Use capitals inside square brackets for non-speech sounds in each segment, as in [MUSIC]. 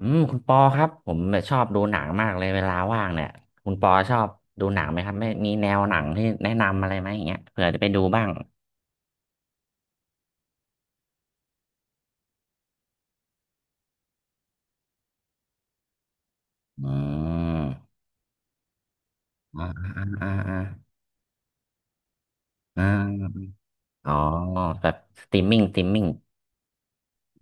อืมคุณปอครับผมแบบชอบดูหนังมากเลยเวลาว่างเนี่ยคุณปอชอบดูหนังไหมครับไม่มีแนวหนังที่แนะนำอะไรไหมอย่างเงี้ยเผื่อจะไปดูบ้างอืมอ่าอ่าอ่าอ่าอาอ๋อแบบสตรีมมิ่งสตรีมมิ่ง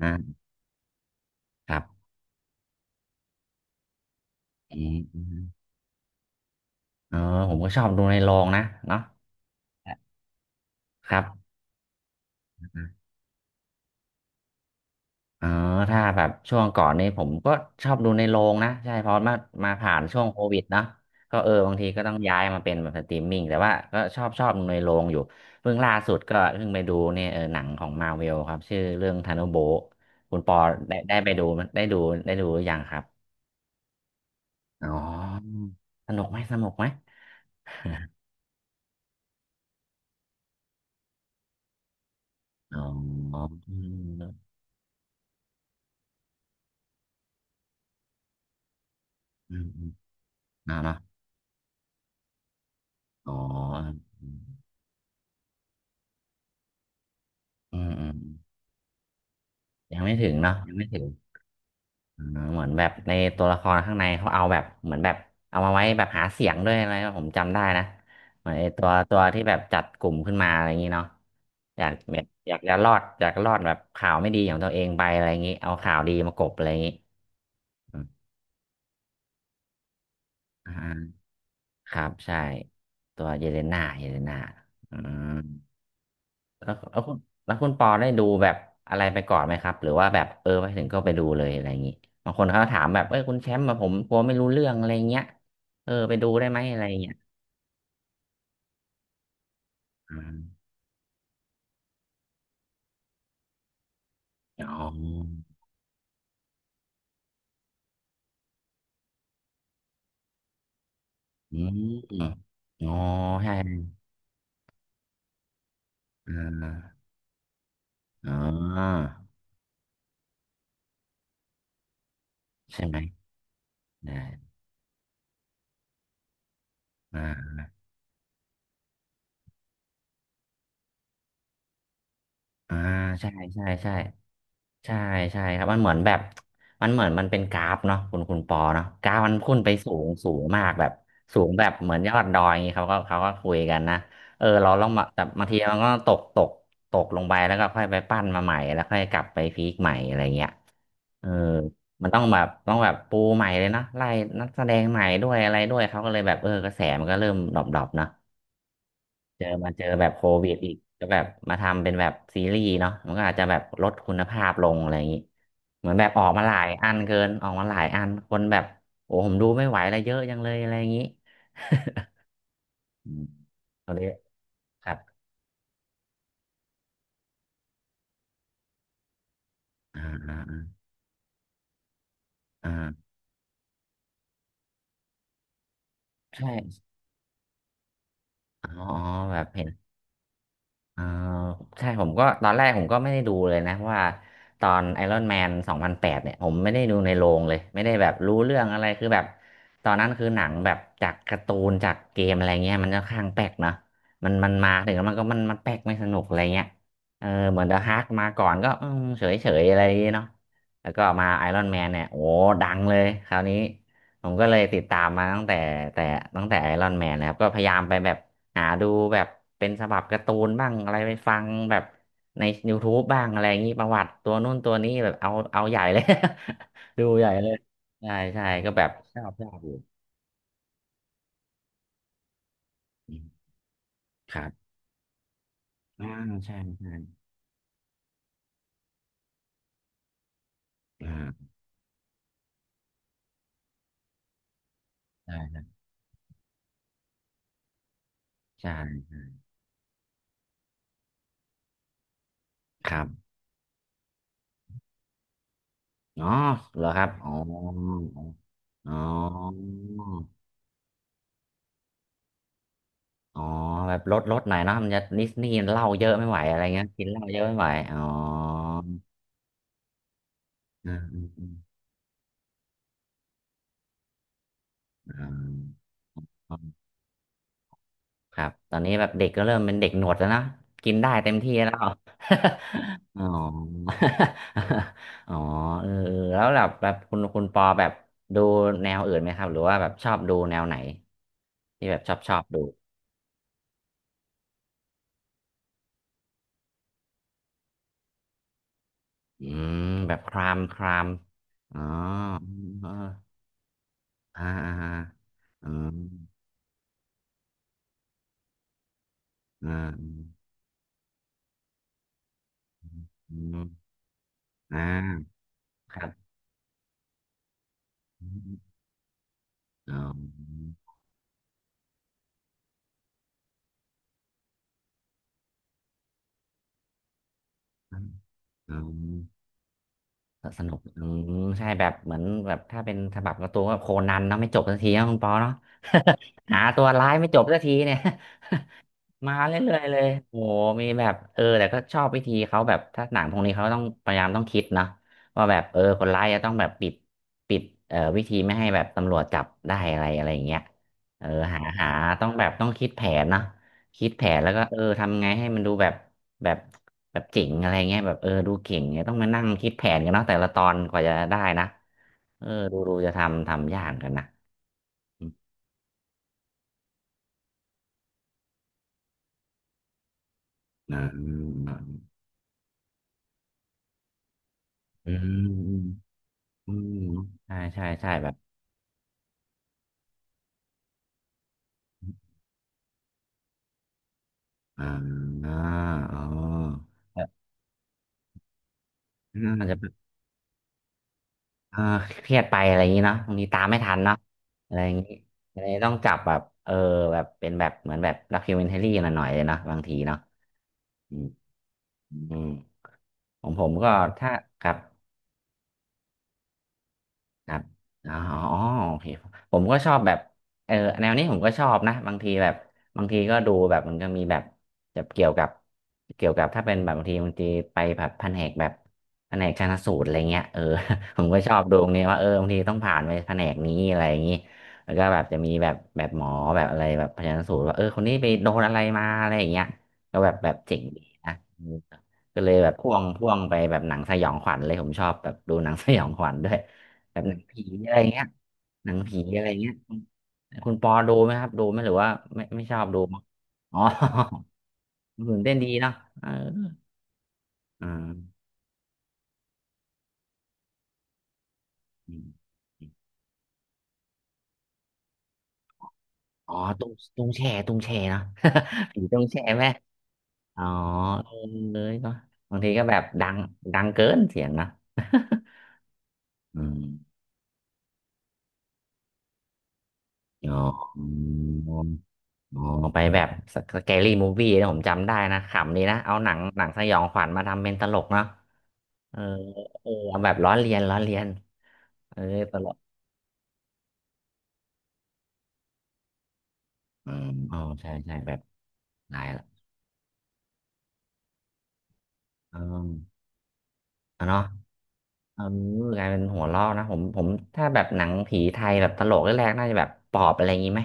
อ่าครับอืมอมอ๋อผมก็ชอบดูในโรงนะเนาะครับ อ๋อถ้าแบบช่วงก่อนนี่ผมก็ชอบดูในโรงนะใช่เพราะมาผ่านช่วงโควิดเนาะก็เออบางทีก็ต้องย้ายมาเป็นแบบสตรีมมิ่งแต่ว่าก็ชอบดูในโรงอยู่เพิ่งล่าสุดก็เพิ่งไปดูเนี่ยเออหนังของมาเวลครับชื่อเรื่องธานุโบะคุณปอได้ไปดูมั้ยได้ดูได้ดูหรือยังครับอ๋อสนุกไหมสนุกไหม [LAUGHS] อ๋ออืมอืมอืมเนาะเนาะอ๋ออืมอืมอืมยังไม่ถึงเนาะยังไม่ถึง อ่าเหมือนแบบในตัวละครข้างในเขาเอาแบบเหมือนแบบเอามาไว้แบบหาเสียงด้วยอะไรผมจำได้นะเหมือนไอ้ตัวที่แบบจัดกลุ่มขึ้นมาอะไรอย่างนี้เนาะอยากแบบอยากจะรอดอยากรอดแบบข่าวไม่ดีของตัวเองไปอะไรอย่างนี้เอาข่าวดีมากลบอะไรอย่างนี้อมอ่าครับใช่ตัวเยเลน่าเยเลน่าอืม แล้วแล้วคุณแล้วคุณปอได้ดูแบบอะไรไปก่อนไหมครับหรือว่าแบบเออไปถึงก็ไปดูเลยอะไรอย่างนี้บางคนเขาถามแบบเอ้ยคุณแชมป์มาผมกลัวไม่รู้เรื่องอะไรเงี้ยเออไปดูได้ไหมอะไรเงี้ยอาอ๋ออืมอ๋อใช่อ่าอ๋อใช่ไหมได้อ่าอ่าใช่ใช่ใช่ ใช่ใช่ครับมันเหมือนมันเป็นกราฟเนาะคุณปอเนาะกราฟมันพุ่นไปสูงสูงมากแบบสูงแบบเหมือนยอดดอยอย่างงี้เขาก็คุยกันนะเออเราต้องมาแต่บางทีมันก็ตกลงไปแล้วก็ค่อยไปปั้นมาใหม่แล้วค่อยกลับไปพีคใหม่อะไรเงี้ยเออมันต้องแบบปูใหม่เลยนะไล่นักแสดงใหม่ด้วยอะไรด้วยเขาก็เลยแบบเออกระแสมันก็เริ่มดรอปๆเนาะ เจอแบบโควิดอีกก็แบบมาทำเป็นแบบซีรีส์เนาะมันก็อาจจะแบบลดคุณภาพลงอะไรอย่างนี้เหมือนแบบออกมาหลายอันเกินออกมาหลายอันคนแบบโอ้ผมดูไม่ไหวอะไรเยอะจังเลยอะไรอย่างนี้ [LAUGHS] อืมเอาเลยครับอ่าอ่าอ่าใช่อ๋ออ๋อแบบเห็น อ่าใช่ผมก็ตอนแรกผมก็ไม่ได้ดูเลยนะเพราะว่าตอนไอรอนแมน2008เนี่ยผมไม่ได้ดูในโรงเลยไม่ได้แบบรู้เรื่องอะไรคือแบบตอนนั้นคือหนังแบบจากการ์ตูนจากเกมอะไรเงี้ยมันจะคข้างแปลกเนาะมันมาถึงแล้วมันก็มันแปลกไม่สนุกอะไรเงี้ยเออเหมือนเดอะฮาร์กมาก่อนก็เฉยเฉยๆอะไรอย่างเงี้ยเนาะแล้วก็มาไอรอนแมนเนี่ยโอ้ดังเลยคราวนี้ผมก็เลยติดตามมาตั้งแต่แต่ตั้งแต่ไอรอนแมนนะครับก็พยายามไปแบบ หาดูแบบเป็นฉบับการ์ตูนบ้างอะไรไปฟังแบบใน YouTube บบ้างอะไรอย่างนี้ประวัติตัวนู่นตัวนี้แบบเอาใหญ่เลย [LAUGHS] ดูใหญ่เลยใช่ใช่ก็แบบชอบอยู่อืมครับอ่าใช่ใช่อ่าใช่ใช่ครับอ๋อเหรอครับอ๋ออ๋ออ๋อแบบลดหน่อยเนาะมันจะนิสนี่เหล้าเยอะไม่ไหวอะไรเงี้ยกินเหล้าเยอะไม่ไหวอ๋ออืมอืมอืมออ ครับตอนนี้แบบเด็กก็เริ่มเป็นเด็กหนวดแล้วนะกินได้เต็มที่แล้ว [LAUGHS] อ๋อ [LAUGHS] อ๋อเออเออแล้วแบบคุณปอแบบดูแนวอื่นไหมครับหรือว่าแบบชอบดูแนวไหนที่แบบชอบดูอืมแบบครามครามอ๋อเอออ่าอ่าอ่าอืมอ่าอืมอ่าครับอ๋ออ๋อ สนุกอืมใช่แบบเหมือนแบบถ้าเป็นฉบับการ์ตูนก็โคนันเนาะไม่จบสักทีนะคุณปอเนาะ [LAUGHS] หาตัวร้ายไม่จบสักทีเนี่ย มาเรื่อยๆเลยโอ้โหมีแบบแต่ก็ชอบวิธีเขาแบบถ้าหนังพวกนี้เขาต้องพยายามต้องคิดนะว่าแบบคนร้ายจะต้องแบบปิดวิธีไม่ให้แบบตำรวจจับได้อะไรอะไรอย่างเงี้ยเออหาต้องแบบต้องคิดแผนนะคิดแผนแล้วก็ทำไงให้มันดูแบบแบบแบบเจ๋งอะไรเงี้ยแบบดูเก่งเนี่ยต้องมานั่งคิดแผนกันเนาะแต่ละตอนกว่าจะได้นะเออดูจะทำยากกันนะอืมอ่าอืมอืม อืมใช่ใช่ใช่แบบอ่าอ๋อแบบอาจจะแบบเออเครียดไปอะไรอย่างนี้เนาะบางทีตามไม่ทันเนาะอะไรอย่างนี้อะไต้องจับแบบแบบเป็นแบบเหมือนแบบด็อกิวเมนทรี่หน่อยๆเลยเนาะบางทีเนาะอืมอืมของผมก็ถ้าครับ ครับอ๋อโอเคผมก็ชอบแบบเออแนวนี้ผมก็ชอบนะบางทีแบบบางทีก็ดูแบบมันก็มีแบบจะเกี่ยวกับถ้าเป็นแบบบางทีไปแบบแผนกแบบแผนกชันสูตรอะไรเงี้ยเออ [LAUGHS] ผมก็ชอบดูตรงนี้ว่าบางทีต้องผ่านไปแผนกนี้อะไรอย่างนี้แล้วก็แบบจะมีแบบแบบหมอแบบอะไรแบบชันสูตรว่าคนนี้ไปโดนอะไรมาอะไรอย่างเงี้ยก็แบบแบบเจ๋งดีนะ ก็เลยแบบพ่วงไปแบบหนังสยองขวัญเลยผมชอบแบบดูหนังสยองขวัญด้วยแบบหนังผีอะไรเงี้ยหนังผีอะไรเงี้ยคุณปอดูไหมครับดูไหมหรือว่าไม่ชอบดูมั้งอ๋อ [LAUGHS] มันตื่นเต้นดีเนาะเอออ่าอมอ๋อตุ้งตุ้งแช่ตุ้งแช่เนาะ [LAUGHS] ผีตุ้งแช่ไหมอ๋อเออเลยก็บางทีก็แบบดังดังเกินเสียงนะ [LAUGHS] อืมอ๋อ อ๋อไปแบบสแกรี่มูฟวี่นะผมจำได้นะขำดีนะเอาหนังสยองขวัญมาทำเป็นตลกเนาะเออเออเอาแบบล้อเลียนล้อเลียนเออตลกอืมอ๋อใช่ใช่แบบหลายละอืมอ่ะเนาะเออกลายเป็นหัวเราะนะผมถ้าแบบหนังผีไทยแบบตลกแรกๆน่าจะแบบปอบอะไรอย่างงี้ไหม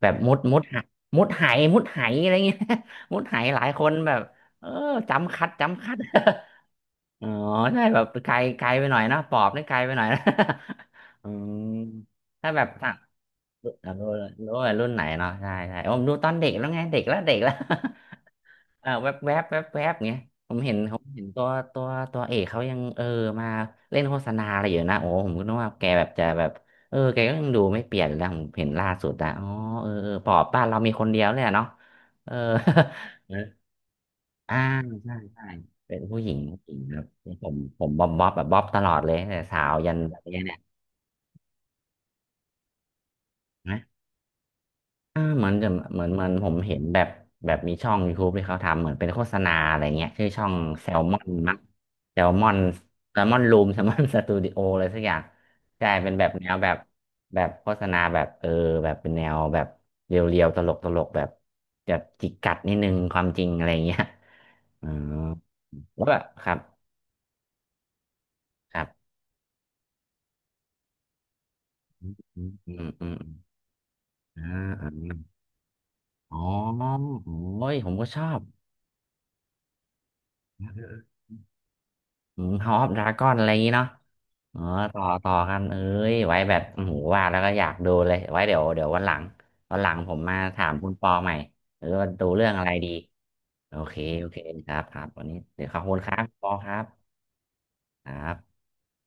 แบบมุดมุดหะมุดไหมุดไหอะไรอย่างงี้ [LAUGHS] มุดไหหลายคนแบบเออจำคัดจำคัด อ๋อใช่แบบไกลไกลไปหน่อยนะปอบนี่ไกลไปหน่อยนะ [LAUGHS] อืมถ้าแบบต่ารู้รู้ว่ารุ่นไหนเนาะใช่ใช่ผมดูตอนเด็กแล้วไงเด็กแล้วเด็กแล้ว [LAUGHS] เออแวบแวบแวบแวบเงี้ยผมเห็นตัวตัวตัวเอกเขายังมาเล่นโฆษณาอะไรอยู่นะโอ้ผมก็นึกว่าแกแบบจะแบบแกก็ยังดูไม่เปลี่ยนเลยนะผมเห็นล่าสุดอะอ๋อเออเออปอบบ้านเรามีคนเดียวเลยอะเนาะเออ [LAUGHS] อ่าใช่ใช่เป็นผู้หญิงผู้หญิงครับผมบ๊อบบ๊อบแบบบ๊อบตลอดเลยตั้งแต่สาวยันแบบนี้เนี่ยนะอ่าเหมือนจะเหมือนผมเห็นแบบแบบมีช่อง YouTube ที่เขาทำเหมือนเป็นโฆษณาอะไรเงี้ยชื่อช่องแซลมอนมั้งแซลมอนแซลมอนรูม [LAUGHS] แซลมอนสตูดิโออะไรสักอย่างใช่เป็นแบบแนวแบบแบบโฆษณาแบบแบบเป็นแนวแบบเรียวๆตลกตลกแบบแบบจิกกัดนิดนึงความจริงอะไรเงี้ย [LAUGHS] อ๋อแล้วแบบครับ อืมอืมอืมอืมอ่าอาอ๋อโอ้ยผมก็ชอบอืม House of Dragon อะไรอย่างงี้เนาะเออต่อกันเอ้ยไว้แบบโอ้โหว่าแล้วก็อยากดูเลย ไว้เดี๋ยววันหลัง วันหลังผมมาถามคุณปอใหม่เออว่าดูเรื่องอะไรดี โอเค โอเค ครับ ครับวันนี้เดี๋ยวขอบคุณครับปอครับ ครับ